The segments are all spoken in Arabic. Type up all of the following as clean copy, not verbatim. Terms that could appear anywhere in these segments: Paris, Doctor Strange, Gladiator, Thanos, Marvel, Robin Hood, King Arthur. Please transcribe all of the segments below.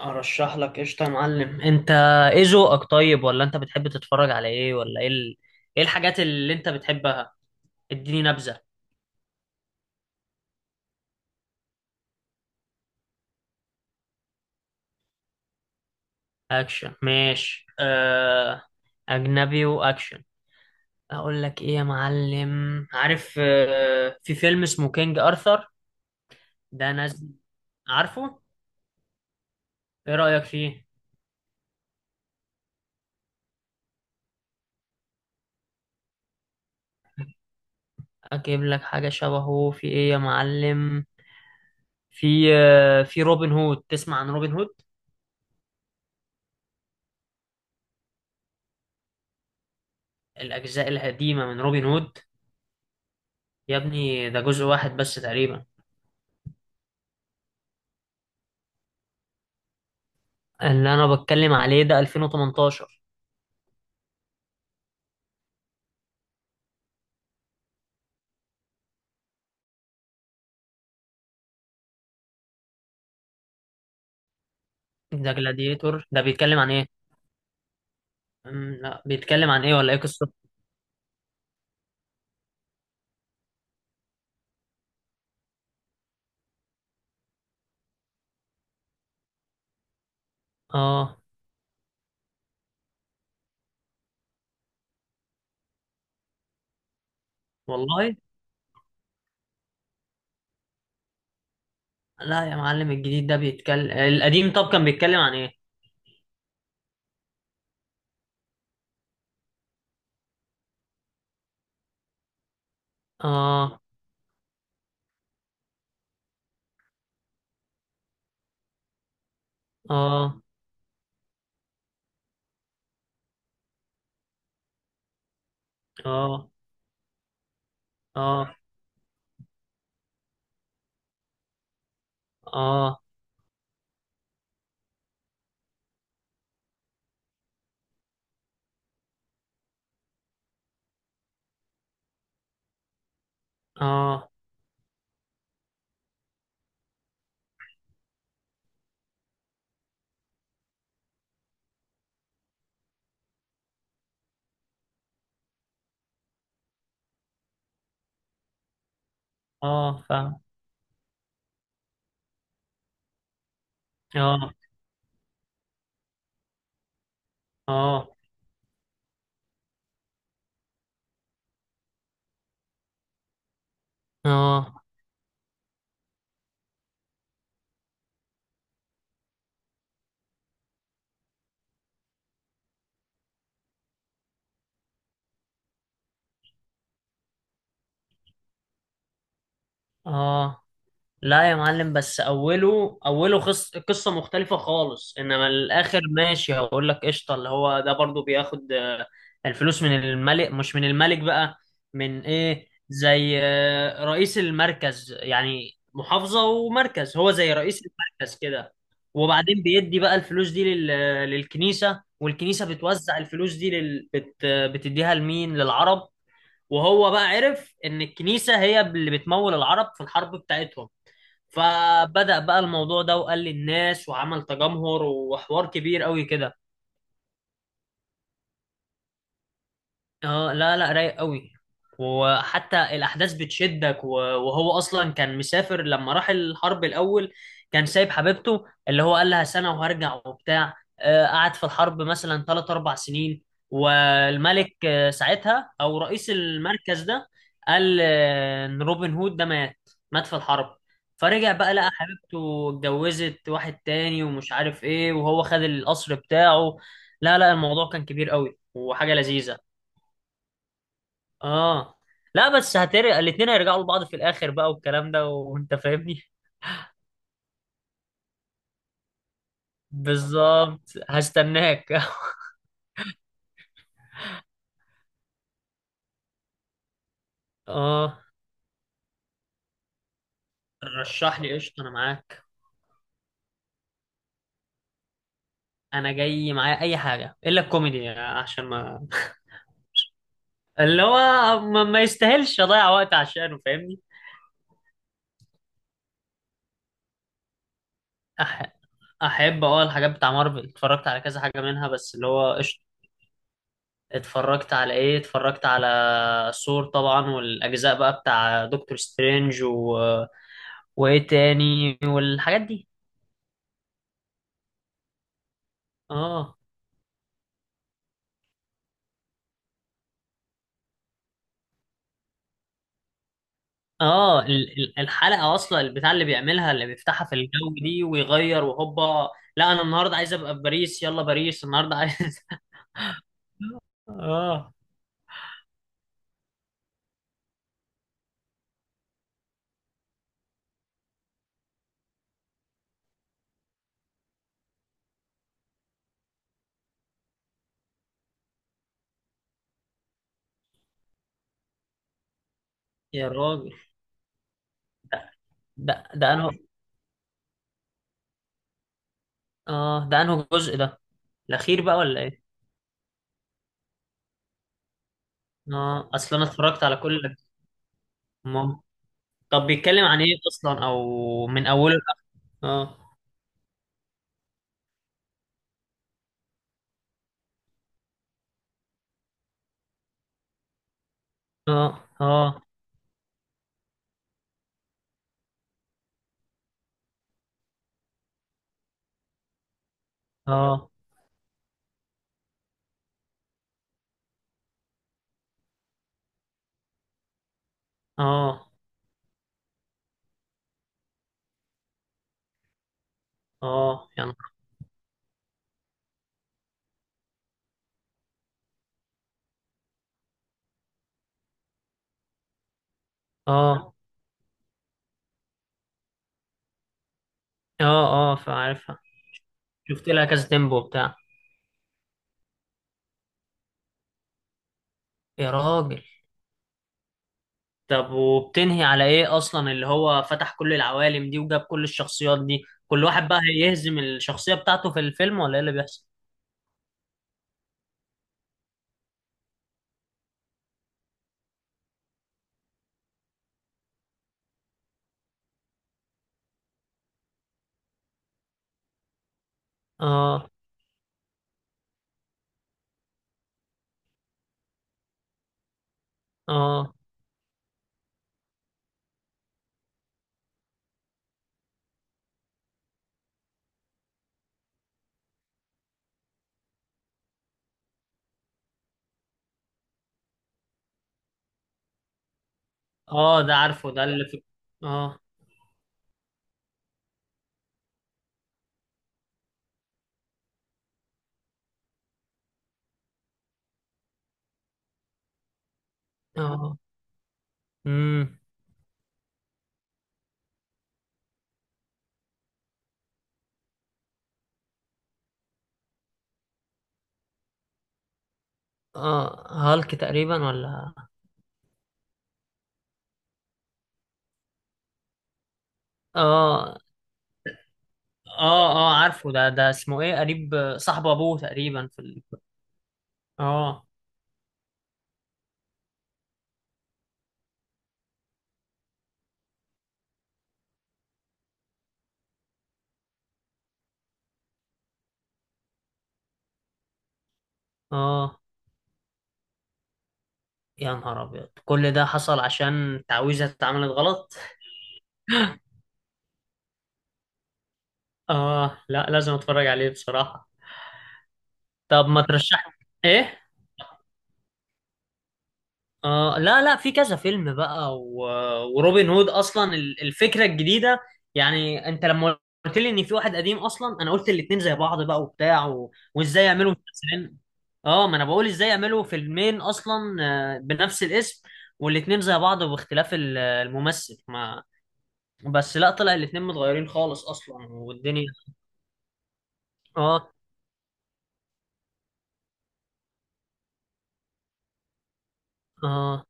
ارشح لك قشطه، يا معلم. انت ايه ذوقك؟ طيب، ولا انت بتحب تتفرج على ايه؟ ولا ايه ايه الحاجات اللي انت بتحبها؟ اديني نبذه. اكشن ماشي. اجنبي واكشن. اقول لك ايه يا معلم، عارف في فيلم اسمه كينج ارثر، ده نازل، عارفه؟ ايه رأيك فيه؟ اجيب لك حاجة شبهه في ايه يا معلم؟ في روبن هود، تسمع عن روبن هود؟ الاجزاء القديمة من روبن هود؟ يا ابني ده جزء واحد بس تقريبا. اللي انا بتكلم عليه ده 2018. ده جلاديتور، ده بيتكلم عن ايه؟ لا، بيتكلم عن ايه ولا ايه قصته؟ اه، والله. لا يا معلم، الجديد ده بيتكلم. القديم طب كان بيتكلم عن ايه؟ اه، اه، اه، اه، اه، اه، اه، فاهم. اه، اه، اه، اه. لا يا معلم، بس اوله اوله قصه مختلفه خالص، انما الاخر ماشي. هقول لك قشطه، اللي هو ده برضو بياخد الفلوس من الملك. مش من الملك بقى، من ايه؟ زي رئيس المركز يعني، محافظه ومركز، هو زي رئيس المركز كده. وبعدين بيدي بقى الفلوس دي للكنيسه، والكنيسه بتوزع الفلوس دي بتديها لمين؟ للعرب. وهو بقى عرف ان الكنيسه هي اللي بتمول العرب في الحرب بتاعتهم. فبدأ بقى الموضوع ده، وقال للناس، وعمل تجمهر وحوار كبير قوي كده. اه، لا لا، رايق قوي. وحتى الاحداث بتشدك وهو اصلا كان مسافر لما راح الحرب الاول. كان سايب حبيبته، اللي هو قال لها سنه وهرجع وبتاع. قعد في الحرب مثلا 3 4 سنين. والملك ساعتها، او رئيس المركز ده، قال ان روبن هود ده مات. مات في الحرب. فرجع بقى، لقى حبيبته اتجوزت واحد تاني ومش عارف ايه، وهو خد القصر بتاعه. لا لا، الموضوع كان كبير قوي وحاجه لذيذه. اه. لا بس هترق، الاتنين هيرجعوا لبعض في الاخر بقى والكلام ده، وانت فاهمني. بالظبط. هستناك اه. رشح لي قشطه، انا معاك. انا جاي معايا اي حاجه الا الكوميدي عشان ما اللي هو ما يستاهلش اضيع وقت عشانه، فاهمني. أح... احب، اه، الحاجات بتاع مارفل. اتفرجت على كذا حاجه منها، بس اللي هو قشطه. اتفرجت على ايه؟ اتفرجت على ثور طبعا، والاجزاء بقى بتاع دكتور سترينج وايه تاني، والحاجات دي. اه، اه، الحلقه اصلا البتاع اللي بيعملها، اللي بيفتحها في الجو دي، ويغير، وهوبا. لا، انا النهارده عايز ابقى في باريس، يلا باريس النهارده عايز اه، يا راجل. ده ده انه اه ده انه جزء. ده الاخير بقى ولا ايه؟ اه، اصل انا اتفرجت على كل. مام. طب بيتكلم عن ايه اصلا، او من اوله لاخره؟ اه، اه، اه، اه، اه، اه، يعني، اه، اه، اه، فعارفها. شفت لها كذا تيمبو بتاع. يا راجل. طب وبتنهي على ايه اصلا اللي هو فتح كل العوالم دي وجاب كل الشخصيات دي؟ كل واحد بقى هيهزم الشخصية بتاعته في الفيلم ولا ايه اللي بيحصل؟ اه، اه، اه. ده عارفه، ده اللي في. اه، اه، امم. اه، هالك تقريبا ولا؟ اه، اه، اه، عارفه ده اسمه ايه؟ قريب صاحب ابوه تقريبا في اه، اه. يا نهار ابيض، كل ده حصل عشان تعويذة اتعملت غلط؟ اه، لا لازم اتفرج عليه بصراحة. طب ما ترشح. ايه؟ لا لا، في كذا فيلم بقى وروبن هود اصلا الفكره الجديده يعني. انت لما قلت لي ان في واحد قديم اصلا، انا قلت الاتنين زي بعض بقى وبتاع وازاي يعملوا مسلسلين؟ اه، ما انا بقول ازاي يعملوا فيلمين اصلا، بنفس الاسم، والاتنين زي بعض، باختلاف الممثل ما. بس لا، طلع الاتنين متغيرين خالص اصلا والدنيا. اه، اه،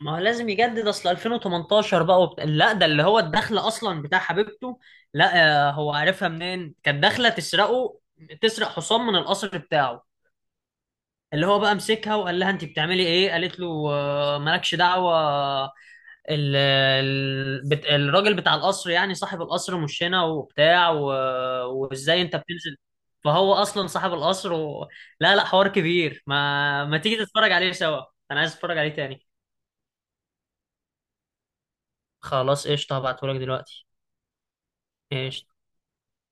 ما هو لازم يجدد، اصل 2018 بقى لا ده اللي هو الدخله اصلا بتاع حبيبته. لا، هو عارفها منين؟ كانت داخله تسرقه. تسرق حصان من القصر بتاعه. اللي هو بقى مسكها وقال لها انت بتعملي ايه؟ قالت له مالكش دعوه. الراجل بتاع القصر يعني، صاحب القصر مش هنا وبتاع وازاي انت بتنزل؟ فهو اصلا صاحب القصر لا لا، حوار كبير، ما ما تيجي تتفرج عليه سوا. انا عايز اتفرج عليه تاني. خلاص قشطه، هبعتهولك دلوقتي. ايش.